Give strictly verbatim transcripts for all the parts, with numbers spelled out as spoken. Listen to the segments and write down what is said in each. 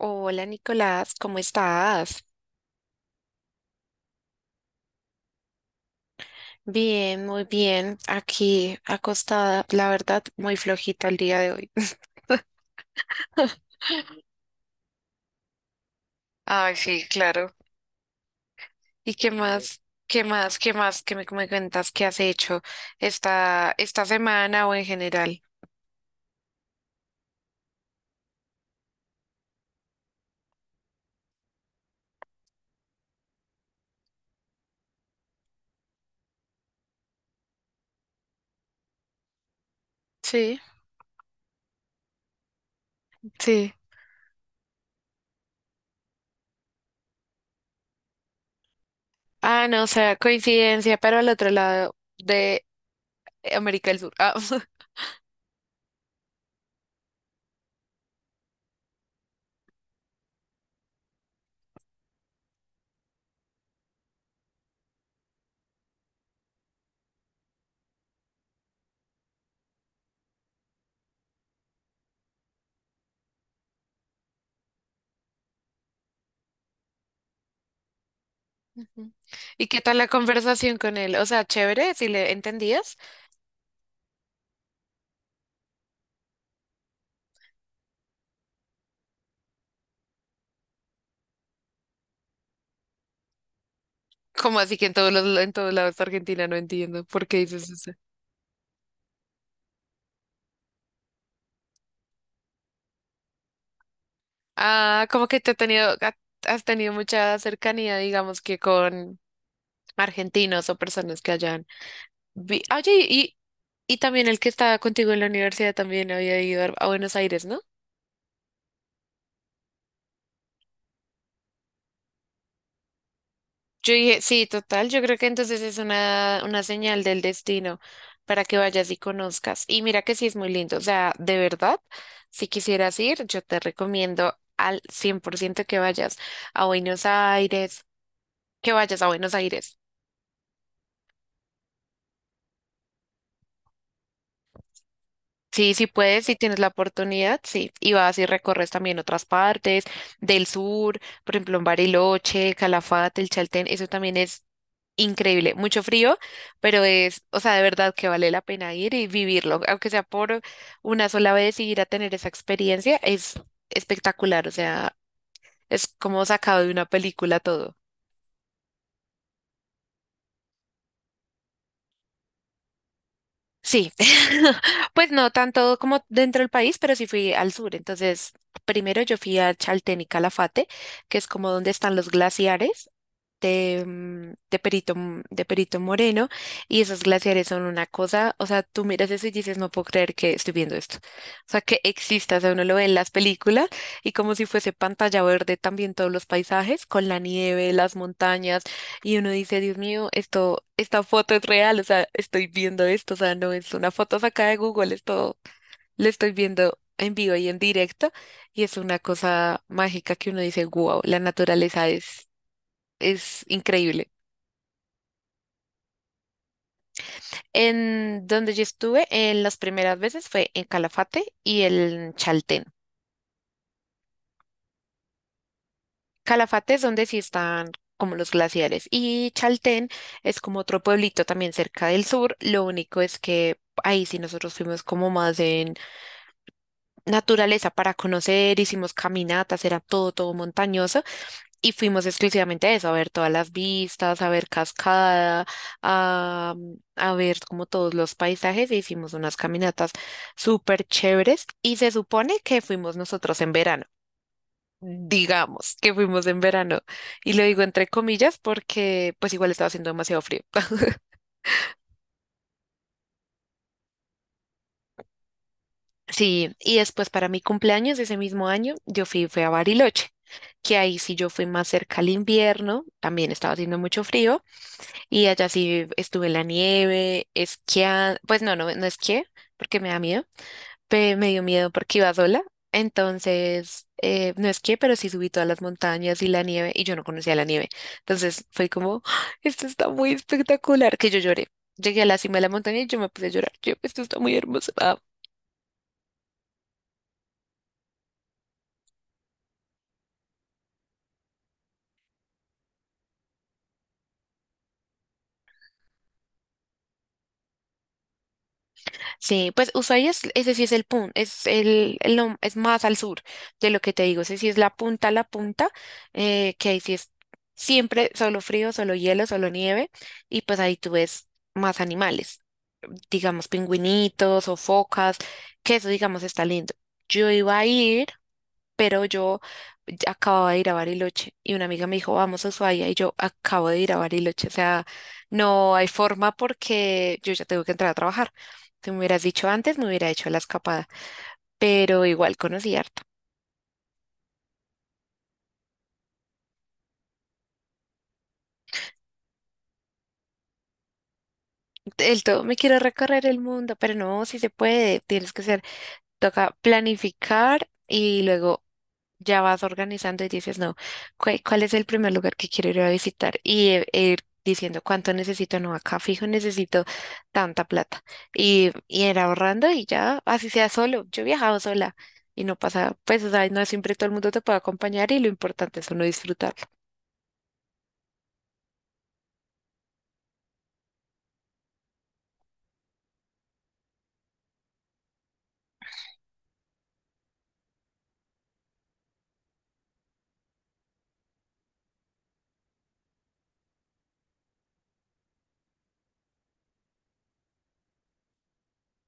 Hola Nicolás, ¿cómo estás? Bien, muy bien. Aquí acostada, la verdad, muy flojita el día de hoy. Ay, sí, claro. ¿Y qué Eh, más? ¿Qué más? ¿Qué más? ¿Qué me, me cuentas? ¿Qué has hecho esta, esta semana o en general? Sí, sí. Ah, no, o sea, coincidencia, pero al otro lado de América del Sur. Ah. Ujú. ¿Y qué tal la conversación con él? O sea, chévere, si le entendías. ¿Cómo así que en todos los, en todos lados de Argentina? No entiendo. ¿Por qué dices eso? Ah, como que te ha tenido, ha- has tenido mucha cercanía, digamos que con argentinos o personas que hayan. vi- Oye, y, y también el que estaba contigo en la universidad también había ido a a Buenos Aires, ¿no? Yo dije, sí, total, yo creo que entonces es una, una señal del destino para que vayas y conozcas. Y mira que sí es muy lindo, o sea, de verdad, si quisieras ir, yo te recomiendo al cien por ciento que vayas a Buenos Aires, que vayas a Buenos Aires. Sí, sí puedes, si tienes la oportunidad, sí. Y vas y recorres también otras partes del sur, por ejemplo, en Bariloche, Calafate, el Chaltén, eso también es increíble. Mucho frío, pero es, o sea, de verdad que vale la pena ir y vivirlo, aunque sea por una sola vez y ir a tener esa experiencia, es espectacular, o sea, es como sacado de una película todo. Sí, pues no tanto como dentro del país, pero sí fui al sur. Entonces, primero yo fui a Chaltén y Calafate, que es como donde están los glaciares de, mm, de Perito, M- de Perito Moreno, y esos glaciares son una cosa, o sea, tú miras eso y dices, no puedo creer que estoy viendo esto. O sea, que exista, o sea, uno lo ve en las películas y como si fuese pantalla verde también todos los paisajes con la nieve, las montañas, y uno dice, Dios mío, esto, esta foto es real, o sea, estoy viendo esto, o sea, no es una foto sacada de Google, esto lo estoy viendo en vivo y en directo. Y es una cosa mágica que uno dice, wow, la naturaleza es, es increíble. En donde yo estuve en las primeras veces fue en Calafate y en Chaltén. Calafate es donde sí están como los glaciares, y Chaltén es como otro pueblito también cerca del sur. Lo único es que ahí sí nosotros fuimos como más en naturaleza para conocer, hicimos caminatas, era todo, todo montañoso. Y fuimos exclusivamente a eso, a ver todas las vistas, a ver cascada, a, a ver como todos los paisajes. E hicimos unas caminatas súper chéveres, y se supone que fuimos nosotros en verano. Digamos que fuimos en verano. Y lo digo entre comillas porque pues igual estaba haciendo demasiado frío. Sí, y después para mi cumpleaños de ese mismo año, yo fui, fui a Bariloche, que ahí sí yo fui más cerca al invierno, también estaba haciendo mucho frío. Y allá sí estuve en la nieve, esquiando. Pues no, no, no esquié porque me da miedo, pe- me dio miedo porque iba sola, entonces eh, no esquié, pero sí subí todas las montañas y la nieve, y yo no conocía la nieve, entonces fue como, "Ah, esto está muy espectacular", que yo lloré. Llegué a la cima de la montaña y yo me puse a llorar. Yo, esto está muy hermoso. Sí, pues Ushuaia es, ese sí es el punto, es el, el nom- es más al sur de lo que te digo, ese sí es la punta, la punta, eh, que ahí sí es siempre solo frío, solo hielo, solo nieve, y pues ahí tú ves más animales, digamos pingüinitos o focas, que eso digamos está lindo. Yo iba a ir, pero yo ya acababa de ir a Bariloche y una amiga me dijo, vamos a Ushuaia, y yo acabo de ir a Bariloche, o sea, no hay forma porque yo ya tengo que entrar a trabajar. Tú me hubieras dicho antes, me hubiera hecho la escapada, pero igual conocí harto. El todo, me quiero recorrer el mundo, pero no, si se puede, tienes que ser, toca planificar y luego ya vas organizando y dices, no, ¿cuál, ¿cuál es el primer lugar que quiero ir a visitar? Y eh, e ir diciendo cuánto necesito, no, acá fijo necesito tanta plata. Y, y ir ahorrando, y ya, así sea solo. Yo he viajado sola y no pasa, pues, o sea, no siempre todo el mundo te puede acompañar, y lo importante es uno disfrutarlo.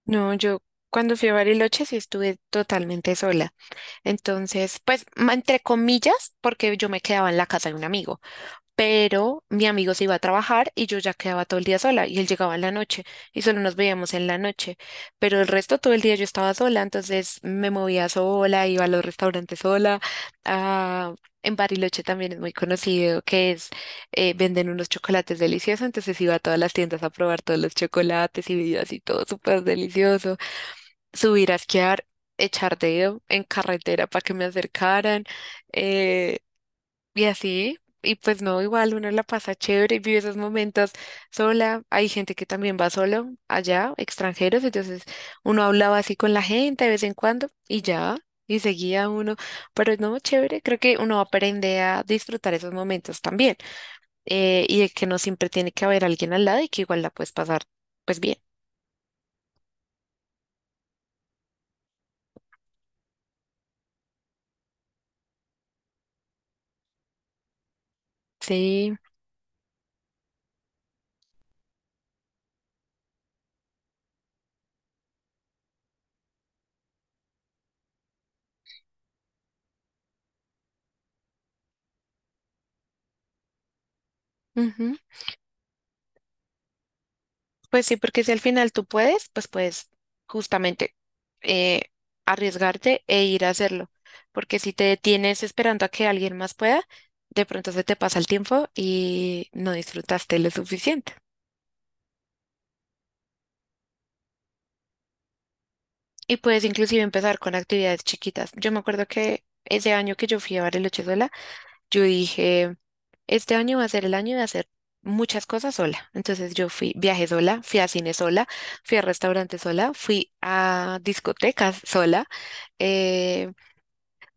No, yo cuando fui a Bariloche sí estuve totalmente sola. Entonces, pues, ma- entre comillas, porque yo me quedaba en la casa de un amigo. Pero mi amigo se iba a trabajar y yo ya quedaba todo el día sola, y él llegaba en la noche y solo nos veíamos en la noche, pero el resto todo el día yo estaba sola, entonces me movía sola, iba a los restaurantes sola. Ah, en Bariloche también es muy conocido que es, eh, venden unos chocolates deliciosos, entonces iba a todas las tiendas a probar todos los chocolates y bebidas y todo súper delicioso, subir a esquiar, echar dedo en carretera para que me acercaran. eh, y así, y pues no, igual uno la pasa chévere y vive esos momentos sola. Hay gente que también va solo allá, extranjeros, entonces uno hablaba así con la gente de vez en cuando y ya, y seguía uno. Pero no, chévere, creo que uno aprende a disfrutar esos momentos también, eh, y de que no siempre tiene que haber alguien al lado y que igual la puedes pasar pues bien. Sí. Ujú. Pues sí, porque si al final tú puedes, pues puedes justamente eh, arriesgarte e ir a hacerlo. Porque si te detienes esperando a que alguien más pueda, de pronto se te pasa el tiempo y no disfrutaste lo suficiente. Y puedes inclusive empezar con actividades chiquitas. Yo me acuerdo que ese año que yo fui a Bariloche sola, yo dije... Este año va a ser el año de hacer muchas cosas sola. Entonces yo fui, viajé sola, fui a cine sola, fui a restaurantes sola, fui a discotecas sola, eh,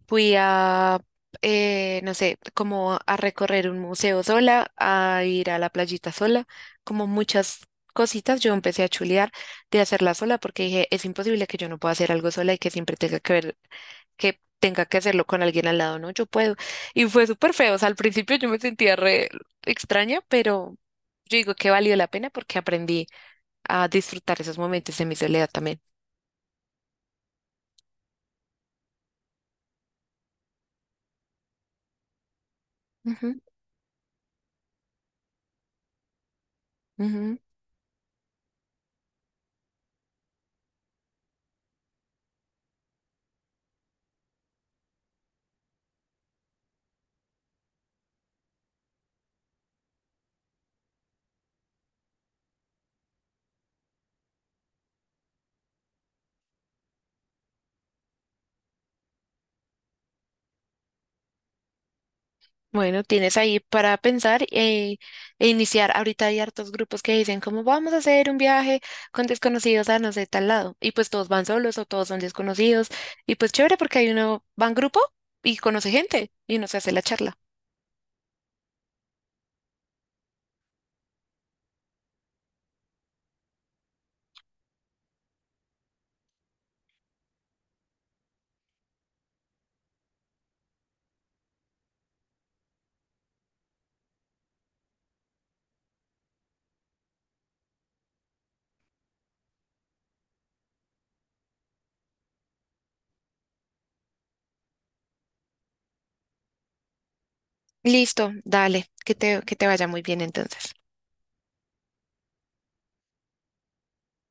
fui a, eh, no sé, como a recorrer un museo sola, a ir a la playita sola, como muchas cositas. Yo empecé a chulear de hacerla sola porque dije, es imposible que yo no pueda hacer algo sola y que siempre tenga que ver que tenga que hacerlo con alguien al lado, ¿no? Yo puedo. Y fue súper feo. O sea, al principio yo me sentía re extraña, pero yo digo que valió la pena porque aprendí a disfrutar esos momentos de mi soledad también. Ujú, ujú. Bueno, tienes ahí para pensar eh, e iniciar. Ahorita hay hartos grupos que dicen, ¿cómo vamos a hacer un viaje con desconocidos a no sé tal lado? Y pues todos van solos o todos son desconocidos. Y pues chévere porque hay uno, va en grupo y conoce gente y uno se hace la charla. Listo, dale, que te, que te vaya muy bien entonces.